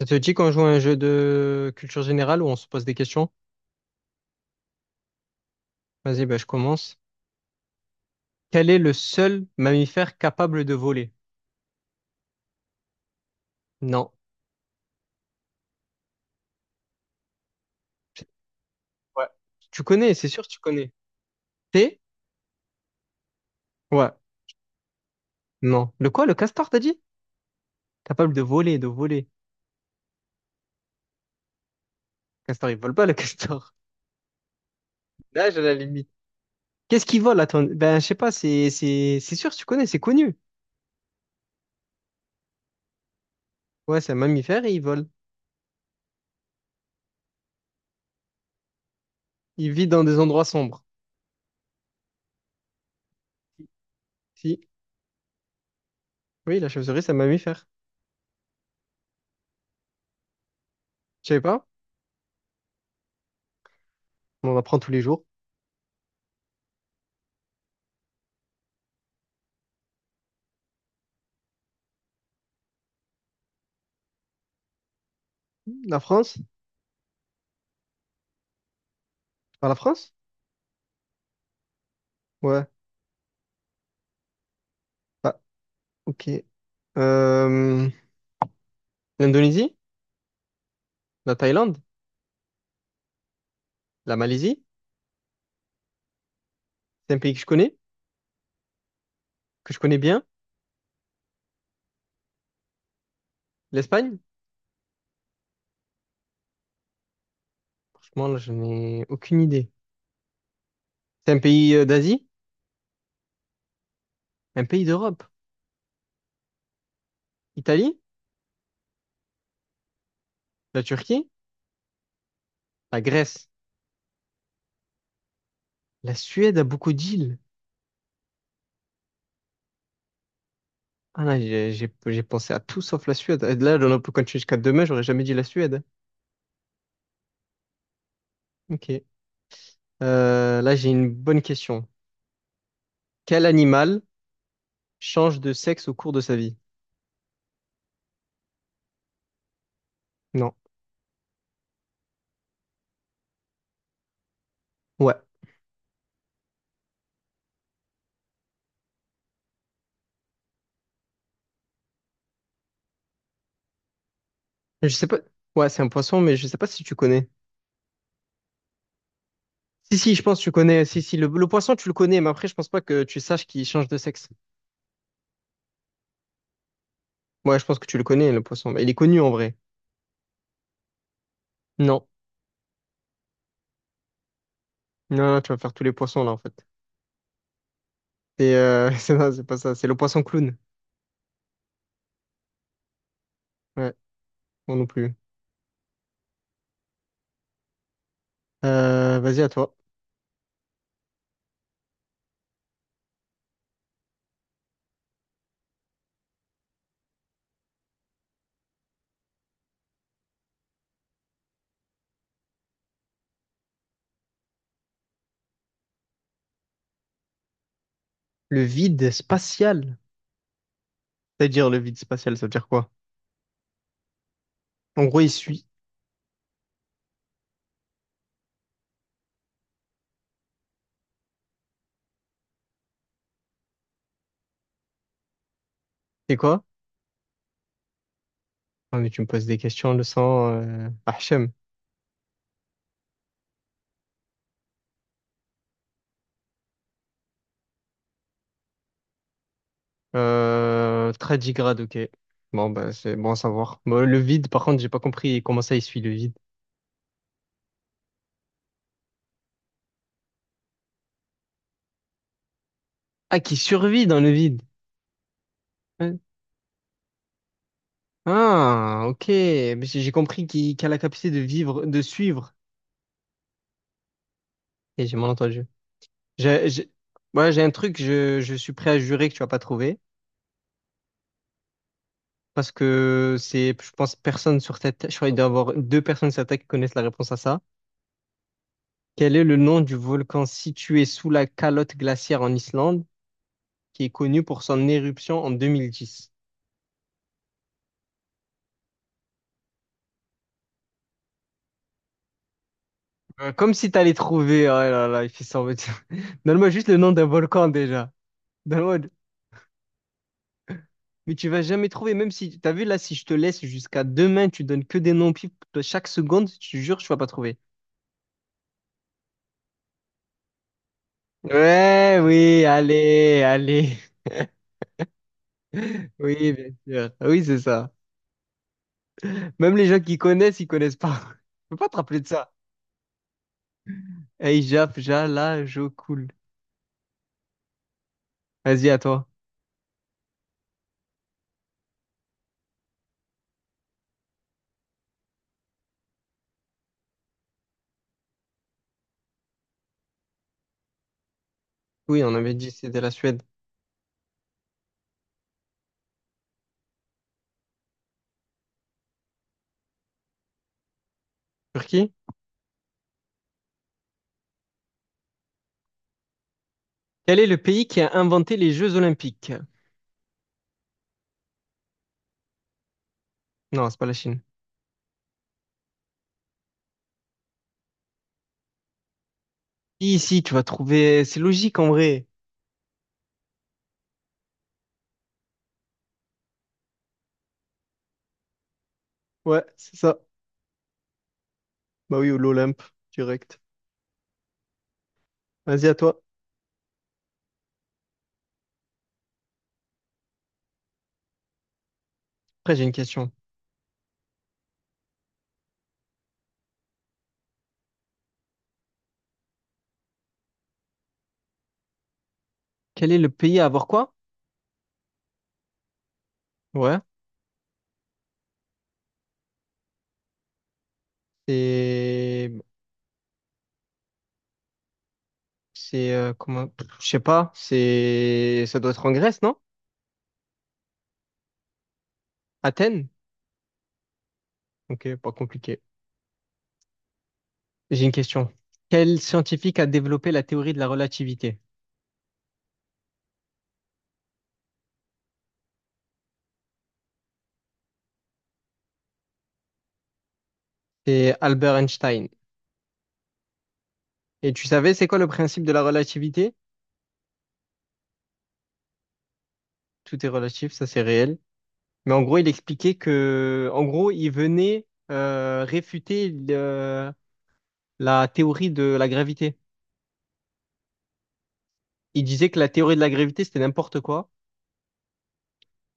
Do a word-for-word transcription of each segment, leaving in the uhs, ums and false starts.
Ça te dit qu'on joue à un jeu de culture générale où on se pose des questions? Vas-y, bah, je commence. Quel est le seul mammifère capable de voler? Non. Ouais. Tu connais, c'est sûr, tu connais. T'es? Ouais. Non. Le quoi, le castor, t'as dit? Capable de voler, de voler. Castor, il vole pas, le castor. Là, j'ai la limite. Qu'est-ce qu'il vole, attends? Ben, je sais pas, c'est, c'est, c'est sûr, tu connais, c'est connu. Ouais, c'est un mammifère et il vole. Il vit dans des endroits sombres. Si. Oui, la chauve-souris, c'est un mammifère. Je savais pas. On en apprend tous les jours. La France? Par la France? Ouais. Ah, ok. Euh, L'Indonésie, la Thaïlande, la Malaisie, c'est un pays que je connais, que je connais bien. L'Espagne, franchement, là, je n'ai aucune idée. C'est un pays euh, d'Asie, un pays d'Europe. Italie, la Turquie, la Grèce, la Suède a beaucoup d'îles. Ah non, j'ai j'ai- j'ai pensé à tout sauf la Suède. Et là, on peut continuer jusqu'à demain, j'aurais jamais dit la Suède. Ok. Euh, là, j'ai une bonne question. Quel animal change de sexe au cours de sa vie? Non. Ouais. Je sais pas. Ouais, c'est un poisson, mais je sais pas si tu connais. Si, si, je pense que tu connais. Si, si, le, le poisson, tu le connais, mais après, je pense pas que tu saches qu'il change de sexe. Ouais, je pense que tu le connais, le poisson. Mais il est connu en vrai. Non. Non, non, tu vas faire tous les poissons là, en fait. Et euh, c'est non, c'est pas ça. C'est le poisson clown. Ouais, moi non plus. Euh, vas-y, à toi. Le vide spatial. C'est-à-dire, le vide spatial, ça veut dire quoi? En gros, il suit. C'est quoi? Ah, mais tu me poses des questions, le sang. Euh... Hachem. Euh, tardigrade, ok. Bon, bah, c'est bon à savoir. Bon, le vide, par contre, j'ai pas compris comment ça, il suit le vide. Ah, qui survit dans le vide. Ouais. Ah, ok. Mais J'ai j'ai compris qu'il qu'il a la capacité de vivre, de suivre. Et j'ai mal entendu. J'ai, j'ai- ouais, j'ai un truc, je, je suis prêt à jurer que tu vas pas trouver. Parce que c'est, je pense, personne sur cette terre. Je crois qu'il doit y avoir deux personnes sur cette terre qui connaissent la réponse à ça. Quel est le nom du volcan situé sous la calotte glaciaire en Islande, qui est connu pour son éruption en deux mille dix? Euh, Comme si t'allais trouver. Oh là là, il fait semblant. Donne-moi juste le nom d'un volcan déjà. Donne-moi. Mais tu vas jamais trouver, même si, t'as vu là, si je te laisse jusqu'à demain, tu donnes que des noms pipes chaque seconde, je te jure, tu vas pas trouver. Ouais, oui, allez, allez. Oui, bien sûr. Oui, c'est ça. Même les gens qui connaissent, ils connaissent pas. Je peux pas te rappeler de ça. Hey, Jap, Jala, Jokul. Vas-y, à toi. Oui, on avait dit que c'était la Suède. Turquie? Quel est le pays qui a inventé les Jeux Olympiques? Non, c'est pas la Chine. Ici, tu vas trouver. C'est logique en vrai. Ouais, c'est ça. Bah oui, ou l'Olympe, direct. Vas-y, à toi. Après, j'ai une question. Quel est le pays à avoir quoi? Ouais. C'est. C'est. euh, comment. Pff, je sais pas. C'est. Ça doit être en Grèce, non? Athènes? Ok, pas compliqué. J'ai une question. Quel scientifique a développé la théorie de la relativité? C'est Albert Einstein. Et tu savais, c'est quoi le principe de la relativité? Tout est relatif, ça c'est réel. Mais en gros, il expliquait que. En gros, il venait euh, réfuter le- la théorie de la gravité. Il disait que la théorie de la gravité, c'était n'importe quoi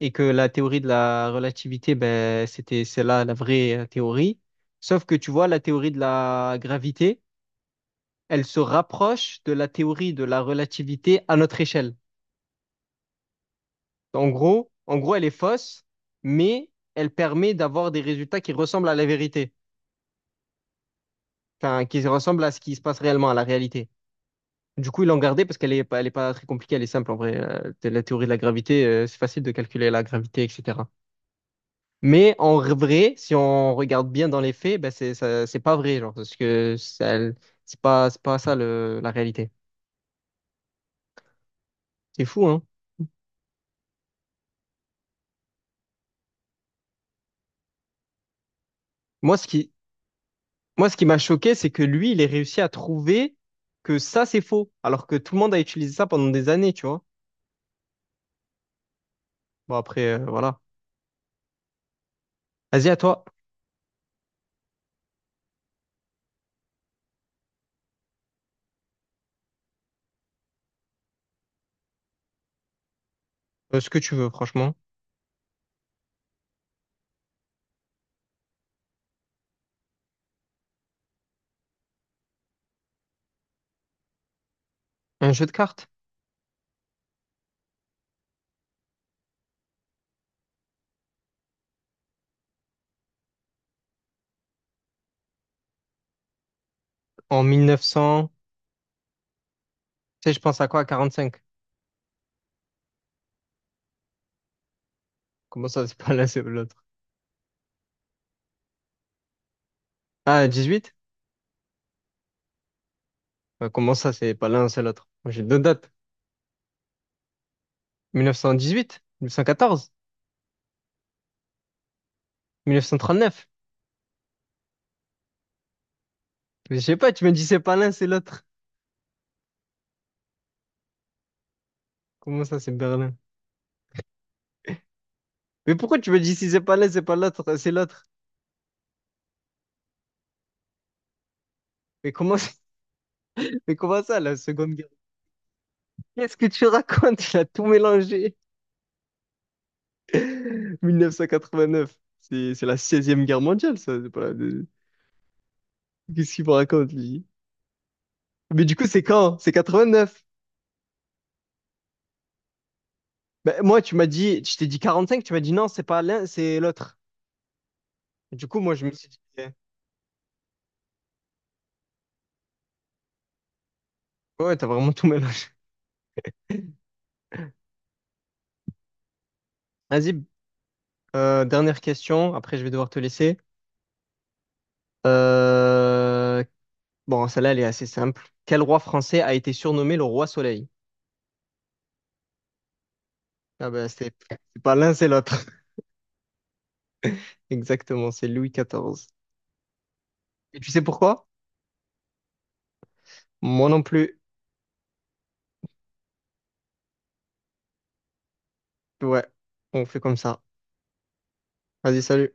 et que la théorie de la relativité, ben, c'était c'est là la vraie euh, théorie. Sauf que tu vois, la théorie de la gravité, elle se rapproche de la théorie de la relativité à notre échelle. En gros, en gros, elle est fausse, mais elle permet d'avoir des résultats qui ressemblent à la vérité, enfin, qui ressemblent à ce qui se passe réellement, à la réalité. Du coup, ils l'ont gardée parce qu'elle est pas, elle est pas très compliquée, elle est simple en vrai. Euh, La théorie de la gravité, euh, c'est facile de calculer la gravité, et cetera. Mais en vrai, si on regarde bien dans les faits, ben c'est ça- c'est pas vrai, genre, parce que ça- c'est pas c'est pas ça le, la réalité. C'est fou, hein. Moi, ce qui moi ce qui m'a choqué, c'est que lui, il ait réussi à trouver que ça c'est faux, alors que tout le monde a utilisé ça pendant des années, tu vois. Bon après, euh, voilà. Vas-y à toi, Euh, ce que tu veux, franchement. Un jeu de cartes en mille neuf cents, tu sais, je pense à quoi? À quarante-cinq. Comment ça, c'est pas l'un, c'est l'autre? Ah, dix-huit? Euh, Comment ça, c'est pas l'un, c'est l'autre? Moi, j'ai deux dates. mille neuf cent dix-huit, mille neuf cent quatorze. mille neuf cent trente-neuf? Mais je sais pas, tu me dis c'est pas l'un, c'est l'autre. Comment ça, c'est Berlin? Mais pourquoi tu me dis si c'est pas l'un, c'est pas l'autre, euh, c'est l'autre? Mais comment, ça- mais comment ça, la Seconde Guerre? Qu'est-ce que tu racontes? Il a tout mélangé. mille neuf cent quatre-vingt-neuf, c'est c'est la seize guerre mondiale, ça. C'est pas la deux- Qu'est-ce qu'il me raconte, lui? Mais du coup, c'est quand? C'est quatre-vingt-neuf. Bah, moi, tu m'as dit, je t'ai dit quarante-cinq, tu m'as dit non, c'est pas l'un, c'est l'autre. Du coup, moi, je me suis dit, eh, ouais, t'as vraiment tout mélangé. Vas-y, euh, dernière question, après, je vais devoir te laisser. Euh, Bon, celle-là, elle est assez simple. Quel roi français a été surnommé le roi soleil? Ah ben, c'est c'est pas l'un, c'est l'autre. Exactement, c'est Louis quatorze. Et tu sais pourquoi? Moi non plus. Ouais, on fait comme ça. Vas-y, salut.